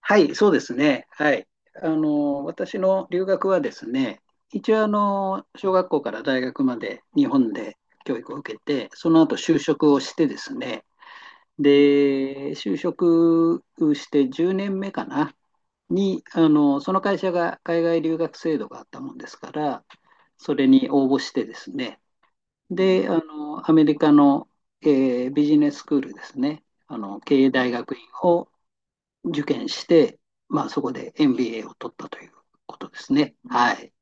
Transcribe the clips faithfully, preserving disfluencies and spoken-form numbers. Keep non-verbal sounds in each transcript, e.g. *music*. はい、そうですね。はい。あの、私の留学はですね、一応あの、小学校から大学まで日本で教育を受けて、その後就職をしてですね、で、就職して10年目かな、に、あの、その会社が海外留学制度があったもんですから、それに応募してですね、で、あの、アメリカの、えービジネススクールですね、あの、経営大学院を受験して、まあ、そこで エムビーエー を取ったということですね。はい。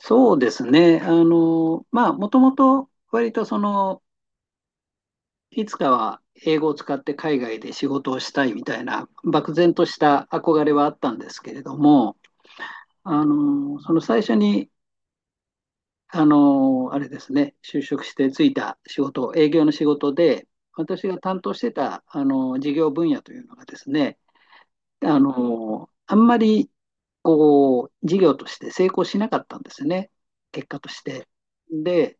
そうですね。あの、まあ、もともと割とその、いつかは英語を使って海外で仕事をしたいみたいな、漠然とした憧れはあったんですけれども、あの、その最初に、あの、あれですね、就職してついた仕事、営業の仕事で、私が担当してた、あの、事業分野というのがですね、あの、あんまり、こう、事業として成功しなかったんですよね。結果として。で、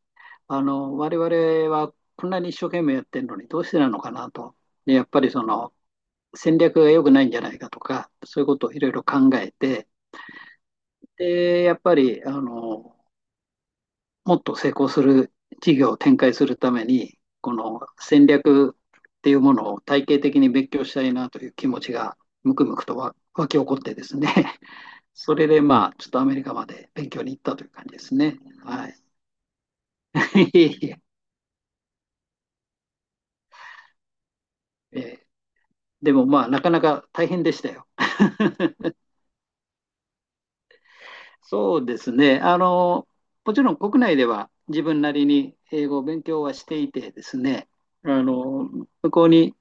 あの、我々はこんなに一生懸命やってるのにどうしてなのかなと。で、やっぱりその、戦略が良くないんじゃないかとか、そういうことをいろいろ考えて、で、やっぱり、あの、もっと成功する事業を展開するために、この戦略っていうものを体系的に勉強したいなという気持ちがむくむくとわ湧き起こってですね。それでまあ、ちょっとアメリカまで勉強に行ったという感じですね。はい。*laughs* えでもまあ、なかなか大変でしたよ。そうですね。あの、もちろん国内では自分なりに英語を勉強はしていてですね、あの、向こうに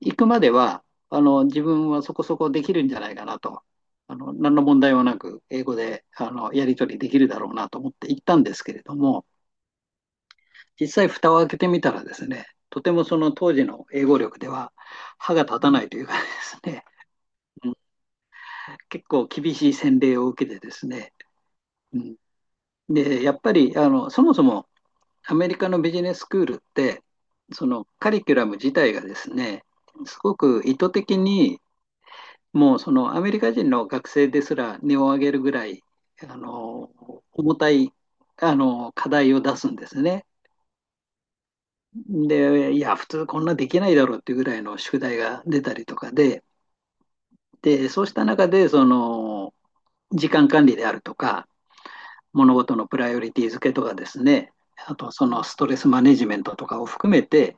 行くまでは、あの、自分はそこそこできるんじゃないかなと、あの、何の問題もなく英語で、あの、やり取りできるだろうなと思って行ったんですけれども、実際蓋を開けてみたらですね、とてもその当時の英語力では歯が立たないというかですね、うん、結構厳しい洗礼を受けてですね、うん、で、やっぱりあのそもそもアメリカのビジネススクールって、そのカリキュラム自体がですね、すごく意図的に、もうそのアメリカ人の学生ですら根を上げるぐらい、あの重たいあの課題を出すんですね。で、いや、普通こんなできないだろうっていうぐらいの宿題が出たりとかで、で、そうした中で、その、時間管理であるとか、物事のプライオリティ付けとかですね、あとそのストレスマネジメントとかを含めて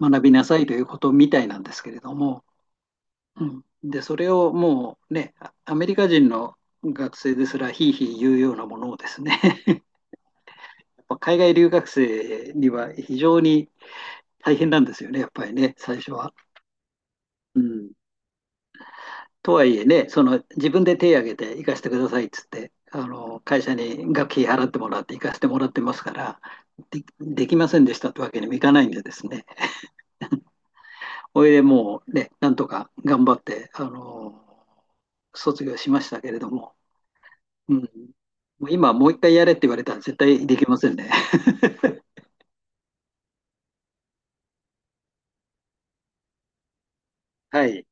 学びなさいということみたいなんですけれども、うん、で、それをもうね、アメリカ人の学生ですらひいひい言うようなものをですね *laughs*、海外留学生には非常に大変なんですよね、やっぱりね、最初は。うん、とはいえね、その自分で手を挙げて行かせてくださいっつって、あの会社に学費払ってもらって行かせてもらってますから、で、できませんでしたってわけにもいかないんでですね、おいでもうね、なんとか頑張って、あの卒業しましたけれども、うん、もう今もう一回やれって言われたら絶対できませんね。*laughs* はい、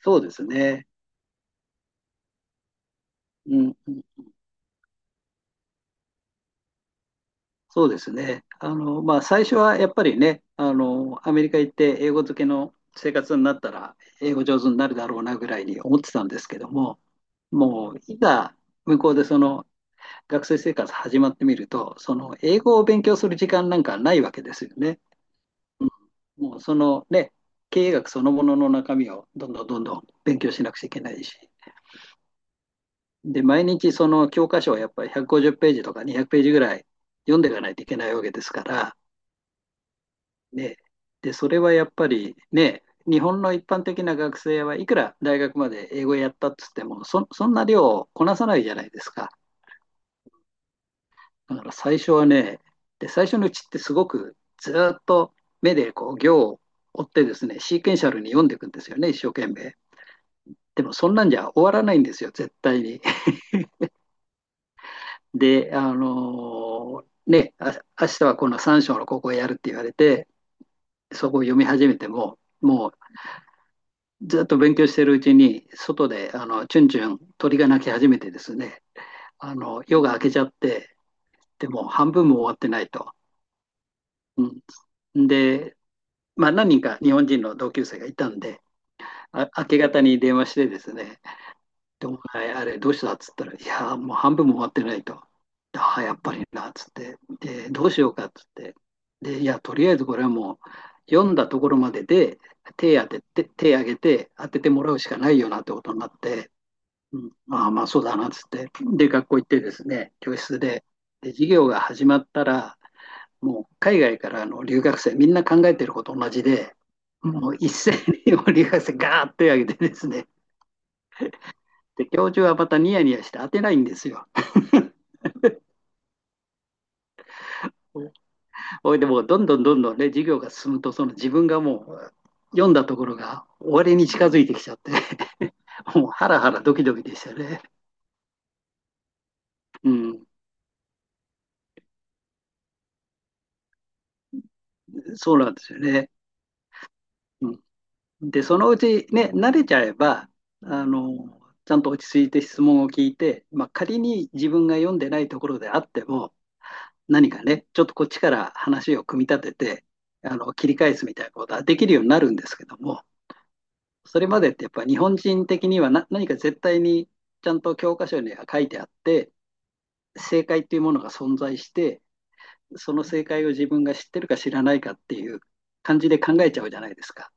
そうですね。うんうん、そうですね。あの、まあ、最初はやっぱりね、あの、アメリカ行って英語漬けの生活になったら、英語上手になるだろうなぐらいに思ってたんですけども、もう、いざ向こうでその学生生活始まってみると、その英語を勉強する時間なんかないわけですよね。うん、もう、そのね、経営学そのものの中身をどんどんどんどん勉強しなくちゃいけないし、で、毎日その教科書をやっぱりひゃくごじゅうページとかにひゃくページぐらい読んでいかないといけないわけですから、ね、で、それはやっぱりね、日本の一般的な学生はいくら大学まで英語やったっつっても、そ、そんな量をこなさないじゃないですか。だから最初はね、で、最初のうちってすごくずーっと目でこう行を追ってですね、シーケンシャルに読んでいくんですよね、一生懸命。でもそんなんじゃ終わらないんですよ、絶対に。*laughs* で、あのーね、あ、明日はこのさん章のここをやるって言われて、そこを読み始めても、もうずっと勉強しているうちに、外であのチュンチュン鳥が鳴き始めてですね、あの夜が明けちゃって、でも半分も終わってないと。うん、で、まあ、何人か日本人の同級生がいたんで、あ、明け方に電話してですね、でお前、あれどうしたっつったら、いやもう半分も終わってないと。ああ、やっぱりなっつって、で、どうしようかっつって、で、いや、とりあえずこれはもう、読んだところまでで手当てて、手挙げて当ててもらうしかないよなってことになって、うん、ああ、まあそうだな、つって。で、学校行ってですね、教室で、で、授業が始まったら、もう海外からの留学生、みんな考えてること同じで、もう一斉にもう留学生ガーッと手を挙げてですね、で、教授はまたニヤニヤして当てないんですよ。おいでもうどんどんどんどんね、授業が進むと、その自分がもう読んだところが終わりに近づいてきちゃって、*laughs* もうハラハラドキドキでしたね。うん、そうなんですよね。うん、で、そのうちね、慣れちゃえば、あの、ちゃんと落ち着いて質問を聞いて、まあ、仮に自分が読んでないところであっても、何かね、ちょっとこっちから話を組み立てて、あの、切り返すみたいなことはできるようになるんですけども、それまでってやっぱ日本人的にはな何か絶対にちゃんと教科書には書いてあって、正解っていうものが存在して、その正解を自分が知ってるか知らないかっていう感じで考えちゃうじゃないですか。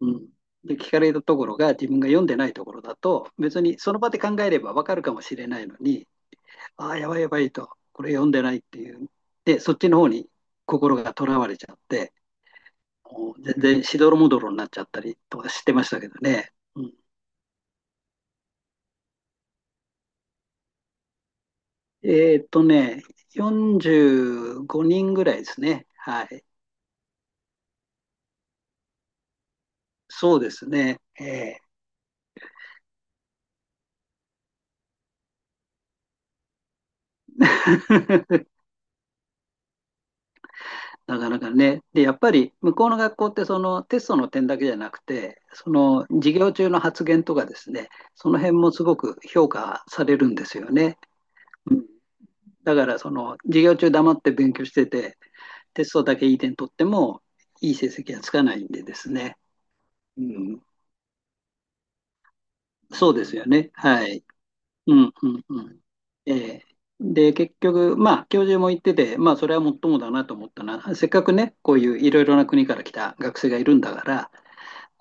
うん、で、聞かれたところが自分が読んでないところだと、別にその場で考えればわかるかもしれないのに、ああ、やばいやばいと、これ読んでないっていう。で、そっちの方に心がとらわれちゃって、もう全然しどろもどろになっちゃったりとかしてましたけどね。うん、えーっとね、よんじゅうごにんぐらいですね。はい。そうですね。ええ。 *laughs* なかなかね。で、やっぱり向こうの学校ってそのテストの点だけじゃなくて、その授業中の発言とかですね、その辺もすごく評価されるんですよね。だからその授業中黙って勉強してて、テストだけいい点取ってもいい成績はつかないんでですね。うん、そうですよね。はい。うんうんうん。ええ、で、結局、まあ、教授も言ってて、まあ、それはもっともだなと思ったな。せっかくね、こういういろいろな国から来た学生がいるんだから、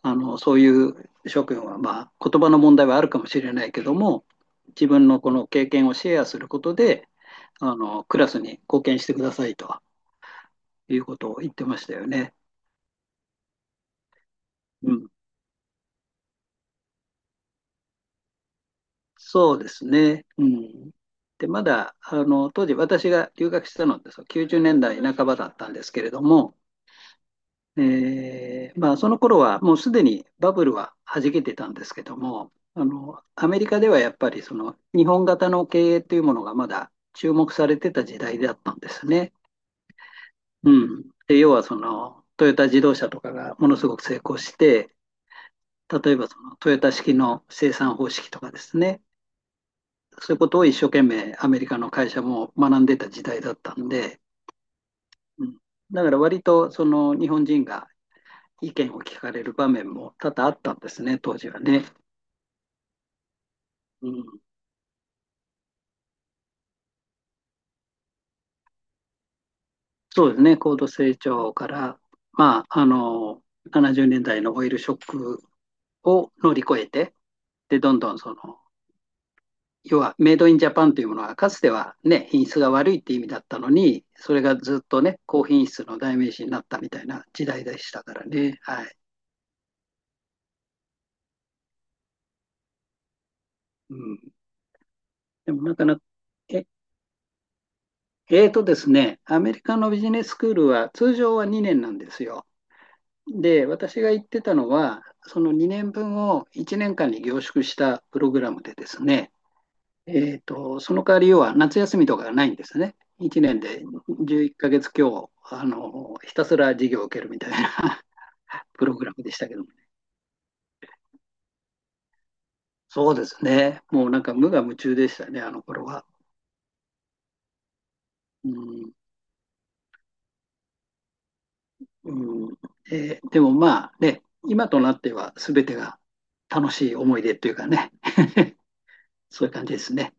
あのそういう諸君は、まあ、言葉の問題はあるかもしれないけども、自分のこの経験をシェアすることであのクラスに貢献してくださいということを言ってましたよね。うん、そうですね、うん、で、まだあの当時私が留学したのって、そう、きゅうじゅうねんだいなかばだったんですけれども、えーまあ、その頃はもうすでにバブルは弾けてたんですけども、あのアメリカではやっぱりその日本型の経営というものがまだ注目されてた時代だったんですね。うん、で要はそのトヨタ自動車とかがものすごく成功して、例えばそのトヨタ式の生産方式とかですね、そういうことを一生懸命アメリカの会社も学んでた時代だったんで、うん、だから割とその日本人が意見を聞かれる場面も多々あったんですね、当時はね。うん、そうですね、高度成長から、まあ、あの、ななじゅうねんだいのオイルショックを乗り越えて、で、どんどんその、要はメイドインジャパンというものはかつてはね、品質が悪いって意味だったのに、それがずっとね、高品質の代名詞になったみたいな時代でしたからね。はい。うん。でもなかなか、え、えーとですね、アメリカのビジネススクールは通常はにねんなんですよ。で、私が言ってたのは、そのにねんぶんをいちねんかんに凝縮したプログラムでですね、えーと、その代わり要は夏休みとかがないんですね。いちねんでじゅういっかげつ強、あの、ひたすら授業を受けるみたいな *laughs* プログラムでしたけども、ね。そうですね。もうなんか無我夢中でしたね、あの頃は。うんうん、えーでもまあね、今となっては全てが楽しい思い出というかね、*laughs* そういう感じですね。